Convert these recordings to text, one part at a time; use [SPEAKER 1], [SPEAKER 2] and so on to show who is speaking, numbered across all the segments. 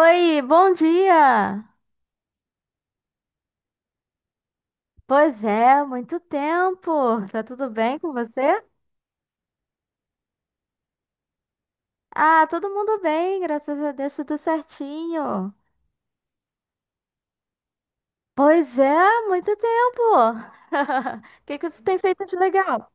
[SPEAKER 1] Oi, bom dia! Pois é, muito tempo. Tá tudo bem com você? Ah, todo mundo bem, graças a Deus, tudo certinho. Pois é, muito tempo. O que que você tem feito de legal?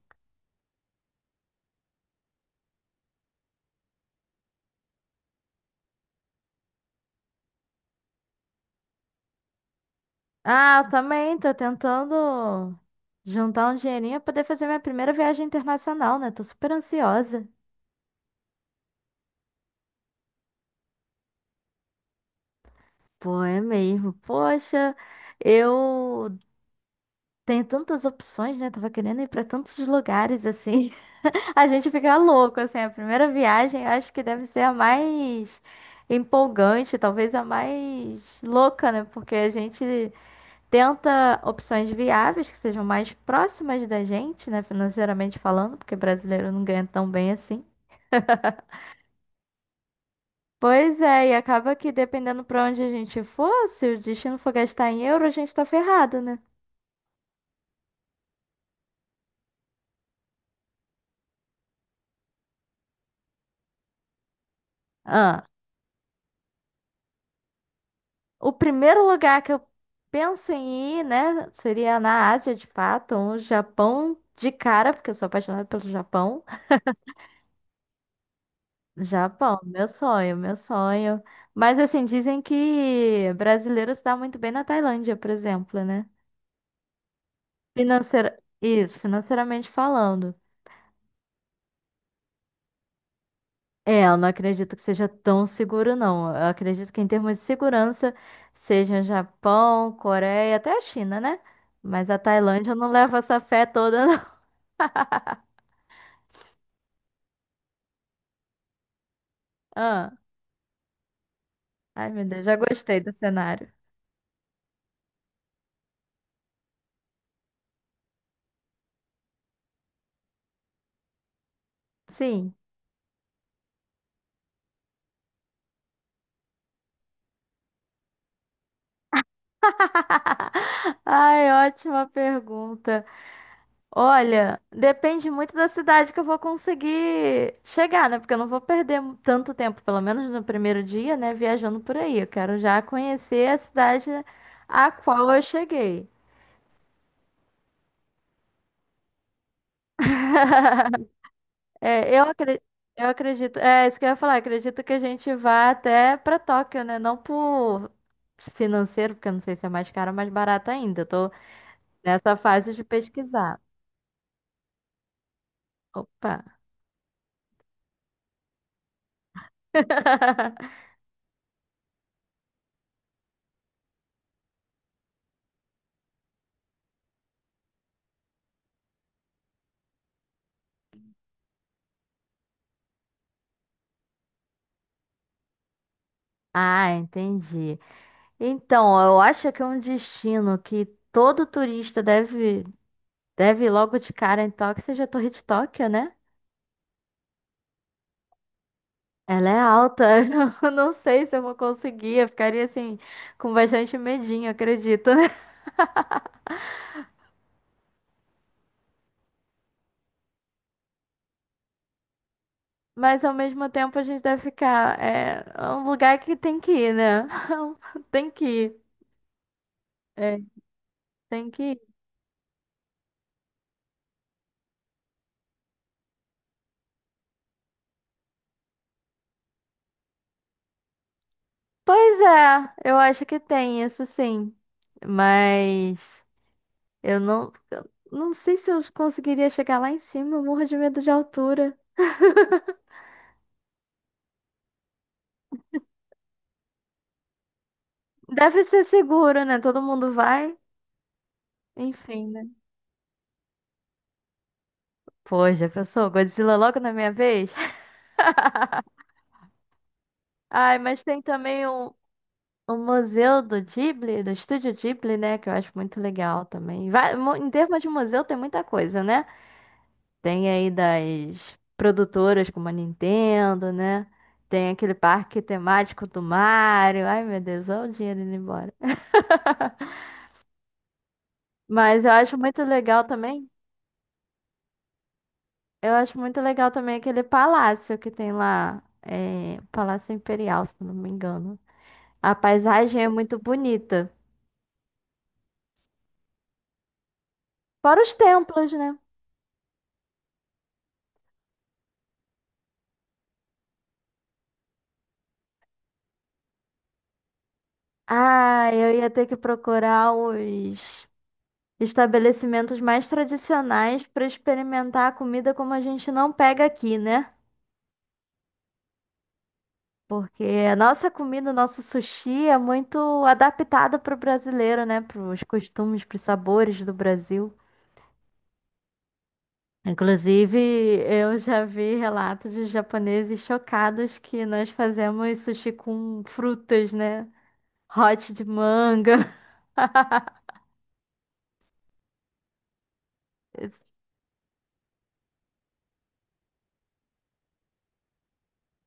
[SPEAKER 1] Ah, eu também tô tentando juntar um dinheirinho pra poder fazer minha primeira viagem internacional, né? Tô super ansiosa. Pô, é mesmo. Poxa, eu tenho tantas opções, né? Tava querendo ir pra tantos lugares assim. A gente fica louco, assim, a primeira viagem eu acho que deve ser a mais empolgante, talvez a mais louca, né? Porque a gente tenta opções viáveis que sejam mais próximas da gente, né? Financeiramente falando, porque brasileiro não ganha tão bem assim. Pois é, e acaba que dependendo pra onde a gente for, se o destino for gastar em euro, a gente tá ferrado, né? Ah, o primeiro lugar que eu penso em ir, né, seria na Ásia, de fato, um Japão de cara, porque eu sou apaixonada pelo Japão. Japão, meu sonho, meu sonho. Mas assim, dizem que brasileiro se dá muito bem na Tailândia, por exemplo, né? Financeira... Isso, financeiramente falando. É, eu não acredito que seja tão seguro, não. Eu acredito que em termos de segurança, seja Japão, Coreia, até a China, né? Mas a Tailândia eu não leva essa fé toda, não. Ah. Ai, meu Deus, já gostei do cenário. Sim. Ai, ótima pergunta. Olha, depende muito da cidade que eu vou conseguir chegar, né? Porque eu não vou perder tanto tempo, pelo menos no primeiro dia, né? Viajando por aí. Eu quero já conhecer a cidade a qual eu cheguei. É, eu acredito. Eu acredito, é isso que eu ia falar, acredito que a gente vá até pra Tóquio, né? Não por financeiro, porque eu não sei se é mais caro ou mais barato ainda. Eu tô nessa fase de pesquisar. Opa. Ah, entendi. Então, eu acho que é um destino que todo turista deve ir logo de cara em Tóquio, seja a Torre de Tóquio, né? Ela é alta. Eu não sei se eu vou conseguir. Eu ficaria assim, com bastante medinho, acredito. Mas ao mesmo tempo a gente deve ficar. É, é um lugar que tem que ir, né? Tem que ir. É, tem que ir. Pois é, eu acho que tem isso sim. Mas eu não sei se eu conseguiria chegar lá em cima, eu morro de medo de altura. Deve ser seguro, né? Todo mundo vai. Enfim, né? Pô, já pensou? Godzilla logo na minha vez? Ai, mas tem também o Museu do Ghibli, do Estúdio Ghibli, né? Que eu acho muito legal também. Em termos de museu, tem muita coisa, né? Tem aí das produtoras como a Nintendo, né? Tem aquele parque temático do Mario. Ai, meu Deus, olha o dinheiro indo embora. Mas eu acho muito legal também. Eu acho muito legal também aquele palácio que tem lá. É, Palácio Imperial, se não me engano. A paisagem é muito bonita. Fora os templos, né? Ah, eu ia ter que procurar os estabelecimentos mais tradicionais para experimentar a comida como a gente não pega aqui, né? Porque a nossa comida, o nosso sushi é muito adaptado para o brasileiro, né? Para os costumes, para os sabores do Brasil. Inclusive, eu já vi relatos de japoneses chocados que nós fazemos sushi com frutas, né? Hot de manga. Ex-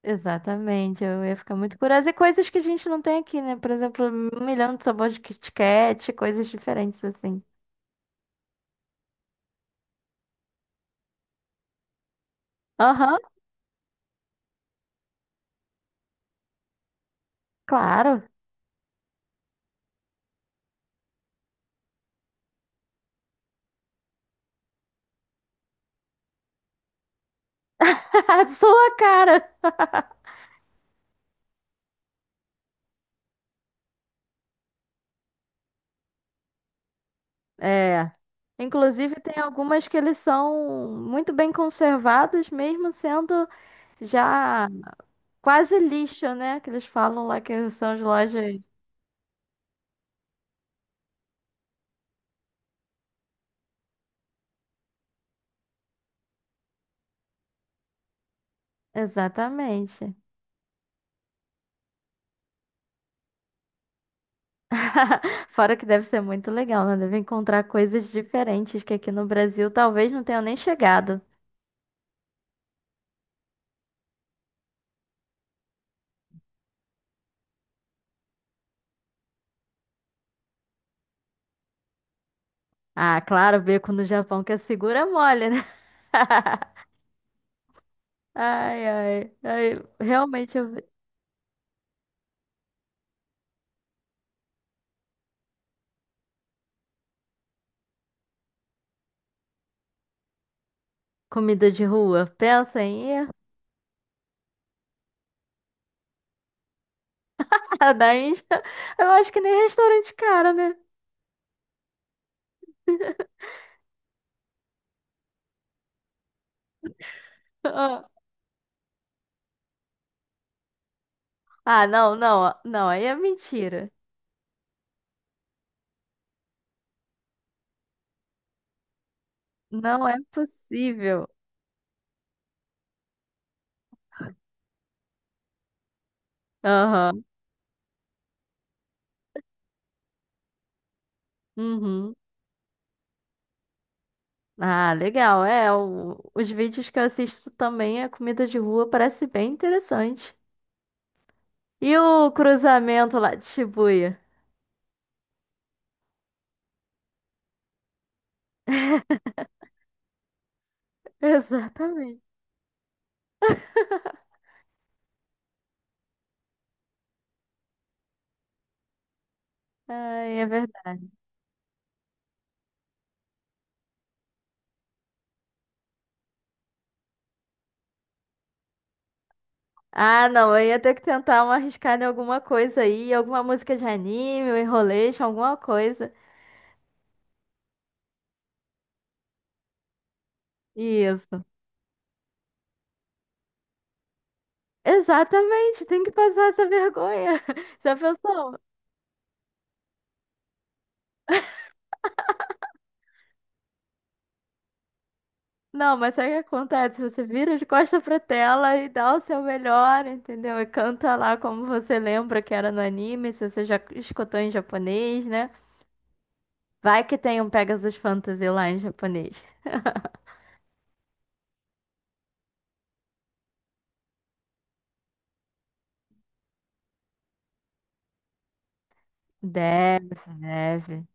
[SPEAKER 1] Exatamente, eu ia ficar muito curiosa. E coisas que a gente não tem aqui, né? Por exemplo, um milhão de sabores de Kit Kat, coisas diferentes assim. Aham, claro. Sua cara. É. Inclusive, tem algumas que eles são muito bem conservados, mesmo sendo já quase lixo, né? Que eles falam lá que são as lojas. Exatamente. Fora que deve ser muito legal, né? Deve encontrar coisas diferentes que aqui no Brasil talvez não tenham nem chegado. Ah, claro, beco no Japão que é segura mole, né? Ai, ai, ai. Realmente, eu- comida de rua. Pensa em ir? A da Índia, eu acho que nem restaurante cara, né? Ah, ah, não, não, não, aí é mentira. Não é possível. Aham, uhum. Ah, legal, é, o- os vídeos que eu assisto também, a comida de rua parece bem interessante. E o cruzamento lá de Shibuya? Exatamente. Ai, é verdade. Ah, não, eu ia ter que tentar uma arriscada em alguma coisa aí, alguma música de anime, um enrolation, alguma coisa. Isso. Exatamente, tem que passar essa vergonha. Já pensou? Não, mas sabe o que acontece? Você vira de costa pra tela e dá o seu melhor, entendeu? E canta lá como você lembra que era no anime, se você já escutou em japonês, né? Vai que tem um Pegasus Fantasy lá em japonês. Deve, deve.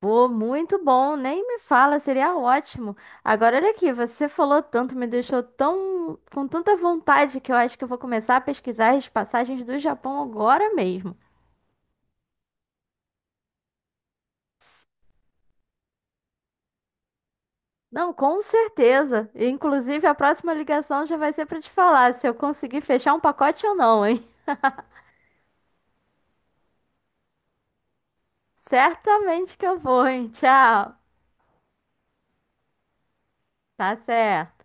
[SPEAKER 1] Pô, muito bom, nem me fala, seria ótimo. Agora, olha aqui, você falou tanto, me deixou tão com tanta vontade que eu acho que eu vou começar a pesquisar as passagens do Japão agora mesmo. Não, com certeza. Inclusive, a próxima ligação já vai ser para te falar se eu conseguir fechar um pacote ou não, hein? Certamente que eu vou, hein? Tchau. Tá certo.